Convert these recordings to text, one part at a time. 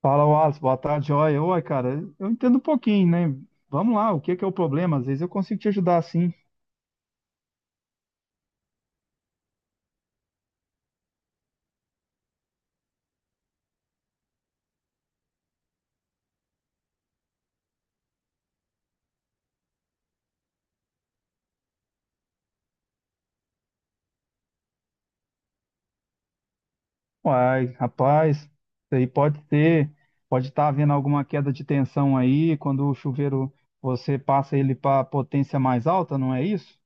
Fala, Wallace. Boa tarde, joia. Oi, cara, eu entendo um pouquinho, né? Vamos lá, o que que é o problema? Às vezes eu consigo te ajudar assim. Uai, rapaz, isso aí pode ter, pode estar havendo alguma queda de tensão aí, quando o chuveiro você passa ele para potência mais alta, não é isso?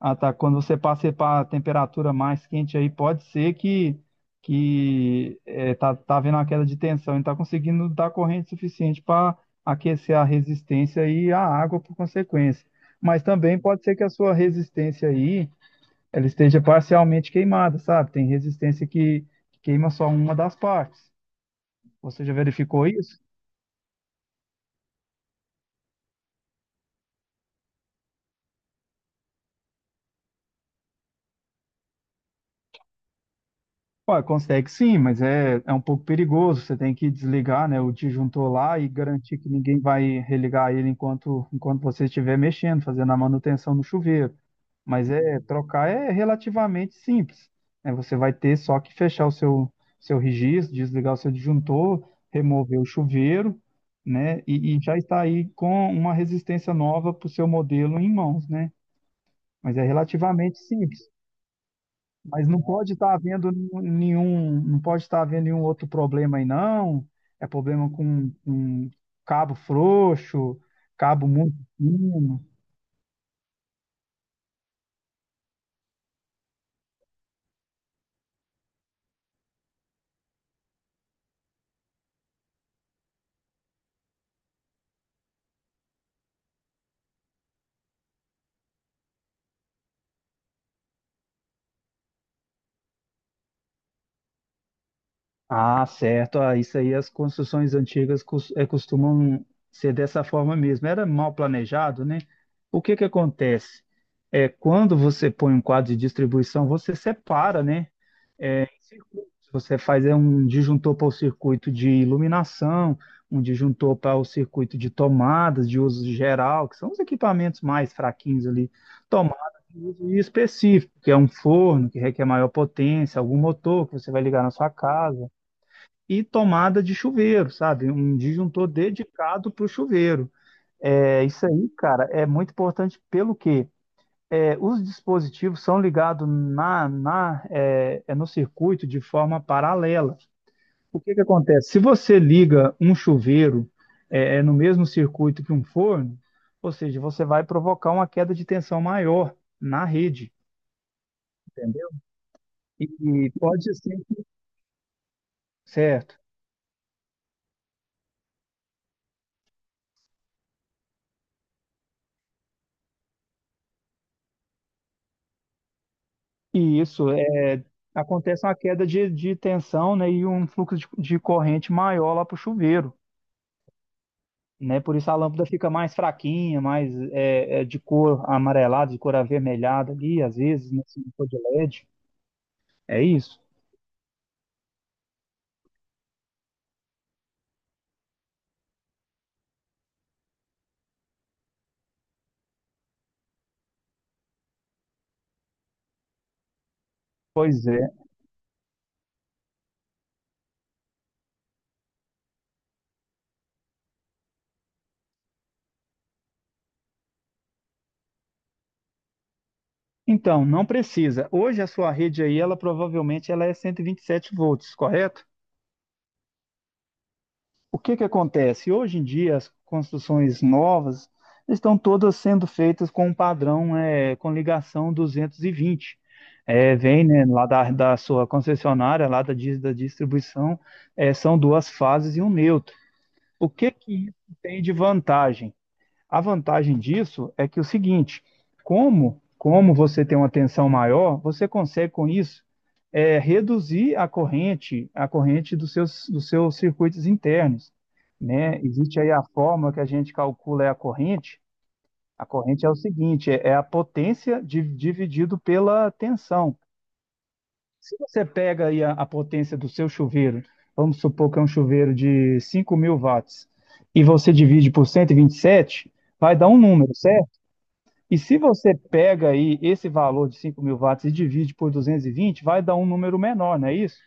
Ah, tá. Quando você passa para a temperatura mais quente aí, pode ser que tá, tá havendo uma queda de tensão e está conseguindo dar corrente suficiente para aquecer a resistência e a água por consequência. Mas também pode ser que a sua resistência aí ela esteja parcialmente queimada, sabe? Tem resistência que queima só uma das partes. Você já verificou isso? Ué, consegue sim, mas é um pouco perigoso. Você tem que desligar, né, o disjuntor lá e garantir que ninguém vai religar ele enquanto você estiver mexendo, fazendo a manutenção no chuveiro. Mas é trocar é relativamente simples. Né? Você vai ter só que fechar o seu registro, desligar o seu disjuntor, remover o chuveiro, né? E já está aí com uma resistência nova para o seu modelo em mãos, né? Mas é relativamente simples. Mas não pode estar havendo nenhum, não pode estar havendo nenhum outro problema aí, não. É problema com cabo frouxo, cabo muito fino. Ah, certo. Ah, isso aí as construções antigas costumam ser dessa forma mesmo. Era mal planejado, né? O que que acontece? É, quando você põe um quadro de distribuição, você separa, né? É, circuitos. Você faz é, um disjuntor para o circuito de iluminação, um disjuntor para o circuito de tomadas de uso geral, que são os equipamentos mais fraquinhos ali, tomadas de uso específico, que é um forno que requer maior potência, algum motor que você vai ligar na sua casa, e tomada de chuveiro, sabe? Um disjuntor dedicado para o chuveiro. É, isso aí, cara, é muito importante pelo quê? É, os dispositivos são ligados no circuito de forma paralela. O que que acontece? Se você liga um chuveiro é no mesmo circuito que um forno, ou seja, você vai provocar uma queda de tensão maior na rede, entendeu? E pode ser certo. E acontece uma queda de tensão, né, e um fluxo de corrente maior lá para o chuveiro. Né? Por isso a lâmpada fica mais fraquinha, mais de cor amarelada, de cor avermelhada ali, às vezes, né? Se não for de LED. É isso? Pois é. Então, não precisa. Hoje a sua rede aí, ela provavelmente ela é 127 volts, correto? O que que acontece? Hoje em dia as construções novas estão todas sendo feitas com um padrão é, com ligação 220. É, vem, né, da sua concessionária, da distribuição, é, são duas fases e um neutro. O que que isso tem de vantagem? A vantagem disso é que é o seguinte, como você tem uma tensão maior, você consegue com isso é, reduzir a corrente dos seus circuitos internos, né? Existe aí a fórmula que a gente calcula é a corrente. A corrente é o seguinte, é a potência dividido pela tensão. Se você pega aí a potência do seu chuveiro, vamos supor que é um chuveiro de 5000 watts, e você divide por cento e vinte e sete, vai dar um número, certo? E se você pega aí esse valor de 5000 watts e divide por 220, vai dar um número menor, não é isso?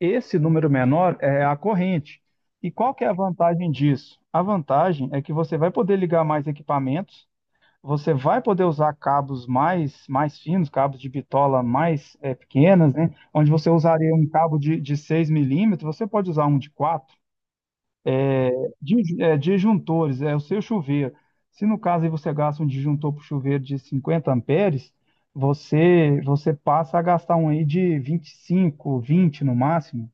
Esse número menor é a corrente. E qual que é a vantagem disso? A vantagem é que você vai poder ligar mais equipamentos você vai poder usar cabos mais, mais finos, cabos de bitola mais pequenas, né? Onde você usaria um cabo de 6 milímetros, você pode usar um de 4. Disjuntores, é o seu chuveiro. Se no caso aí você gasta um disjuntor para chuveiro de 50 amperes, você passa a gastar um aí de 25, 20 no máximo.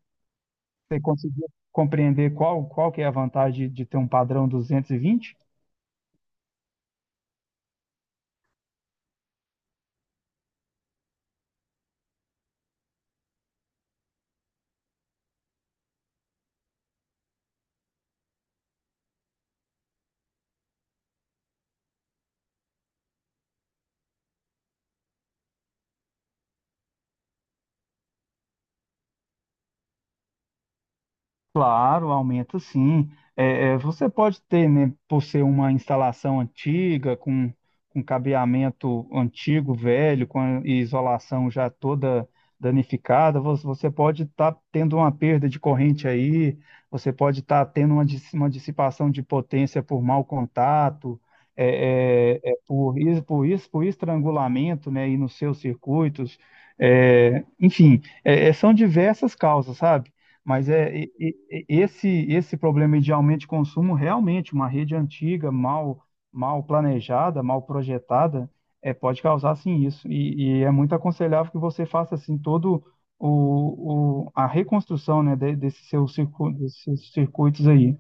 Você conseguiu compreender qual, qual que é a vantagem de ter um padrão 220? Claro, aumenta sim. Você pode ter, né, por ser uma instalação antiga, com cabeamento antigo, velho, com a isolação já toda danificada, você pode estar tendo uma perda de corrente aí, você pode estar tendo uma, uma dissipação de potência por mau contato, por estrangulamento, né, aí nos seus circuitos. É, enfim, são diversas causas, sabe? Mas é esse esse problema de aumento de consumo realmente uma rede antiga, mal planejada, mal projetada, é, pode causar sim isso. E é muito aconselhável que você faça assim todo o a reconstrução, né, desse seu desses seus circuitos aí.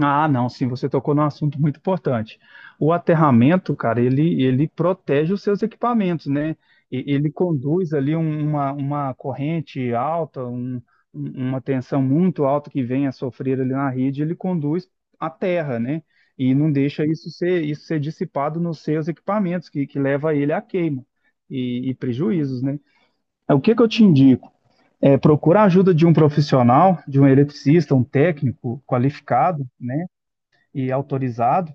Ah, não, sim, você tocou num assunto muito importante. O aterramento, cara, ele protege os seus equipamentos, né? Ele conduz ali uma corrente alta, uma tensão muito alta que vem a sofrer ali na rede, ele conduz à terra, né? E não deixa isso ser dissipado nos seus equipamentos, que leva ele à queima e prejuízos, né? O que que eu te indico? É, procura a ajuda de um profissional, de um eletricista, um técnico qualificado, né? E autorizado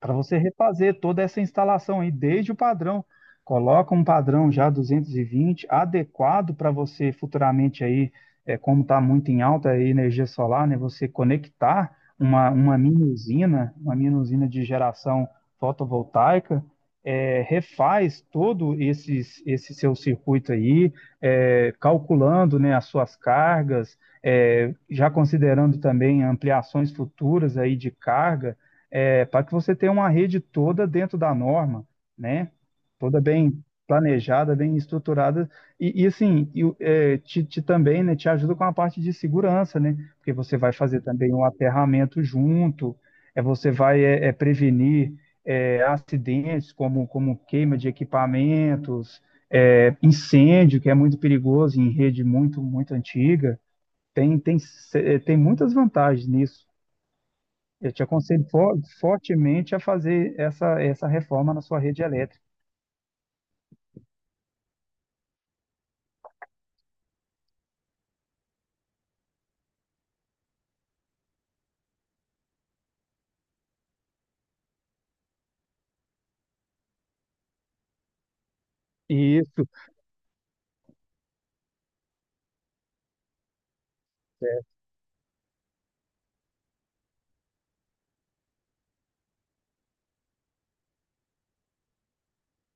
para você refazer toda essa instalação aí, desde o padrão. Coloca um padrão já 220 adequado para você futuramente aí, é, como está muito em alta a energia solar, né, você conectar uma mini usina de geração fotovoltaica, é, refaz esse seu circuito aí, é, calculando né, as suas cargas, é, já considerando também ampliações futuras aí de carga, é, para que você tenha uma rede toda dentro da norma, né? Toda bem planejada, bem estruturada te, te também, né? Te ajuda com a parte de segurança, né? Porque você vai fazer também um aterramento junto, é você vai prevenir é, acidentes como queima de equipamentos, é, incêndio que é muito perigoso em rede muito antiga. Tem, tem, se- eh, Tem muitas vantagens nisso. Eu te aconselho fortemente a fazer essa reforma na sua rede elétrica. Isso.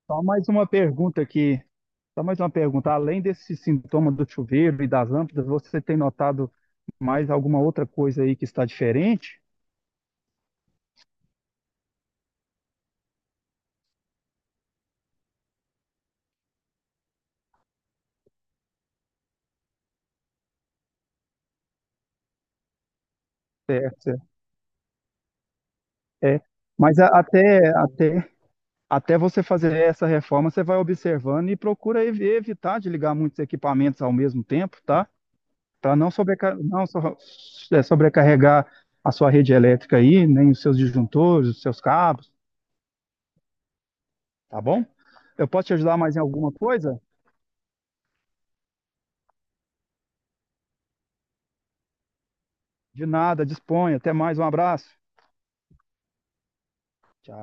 Só mais uma pergunta aqui. Só mais uma pergunta. Além desse sintoma do chuveiro e das lâmpadas, você tem notado mais alguma outra coisa aí que está diferente? Certo, certo. É. Mas a- até, até, Até você fazer essa reforma, você vai observando e procura evitar de ligar muitos equipamentos ao mesmo tempo, tá? Para não, sobrecarregar a sua rede elétrica aí, nem os seus disjuntores, os seus cabos, tá bom? Eu posso te ajudar mais em alguma coisa? De nada, disponha. Até mais, um abraço. Tchau.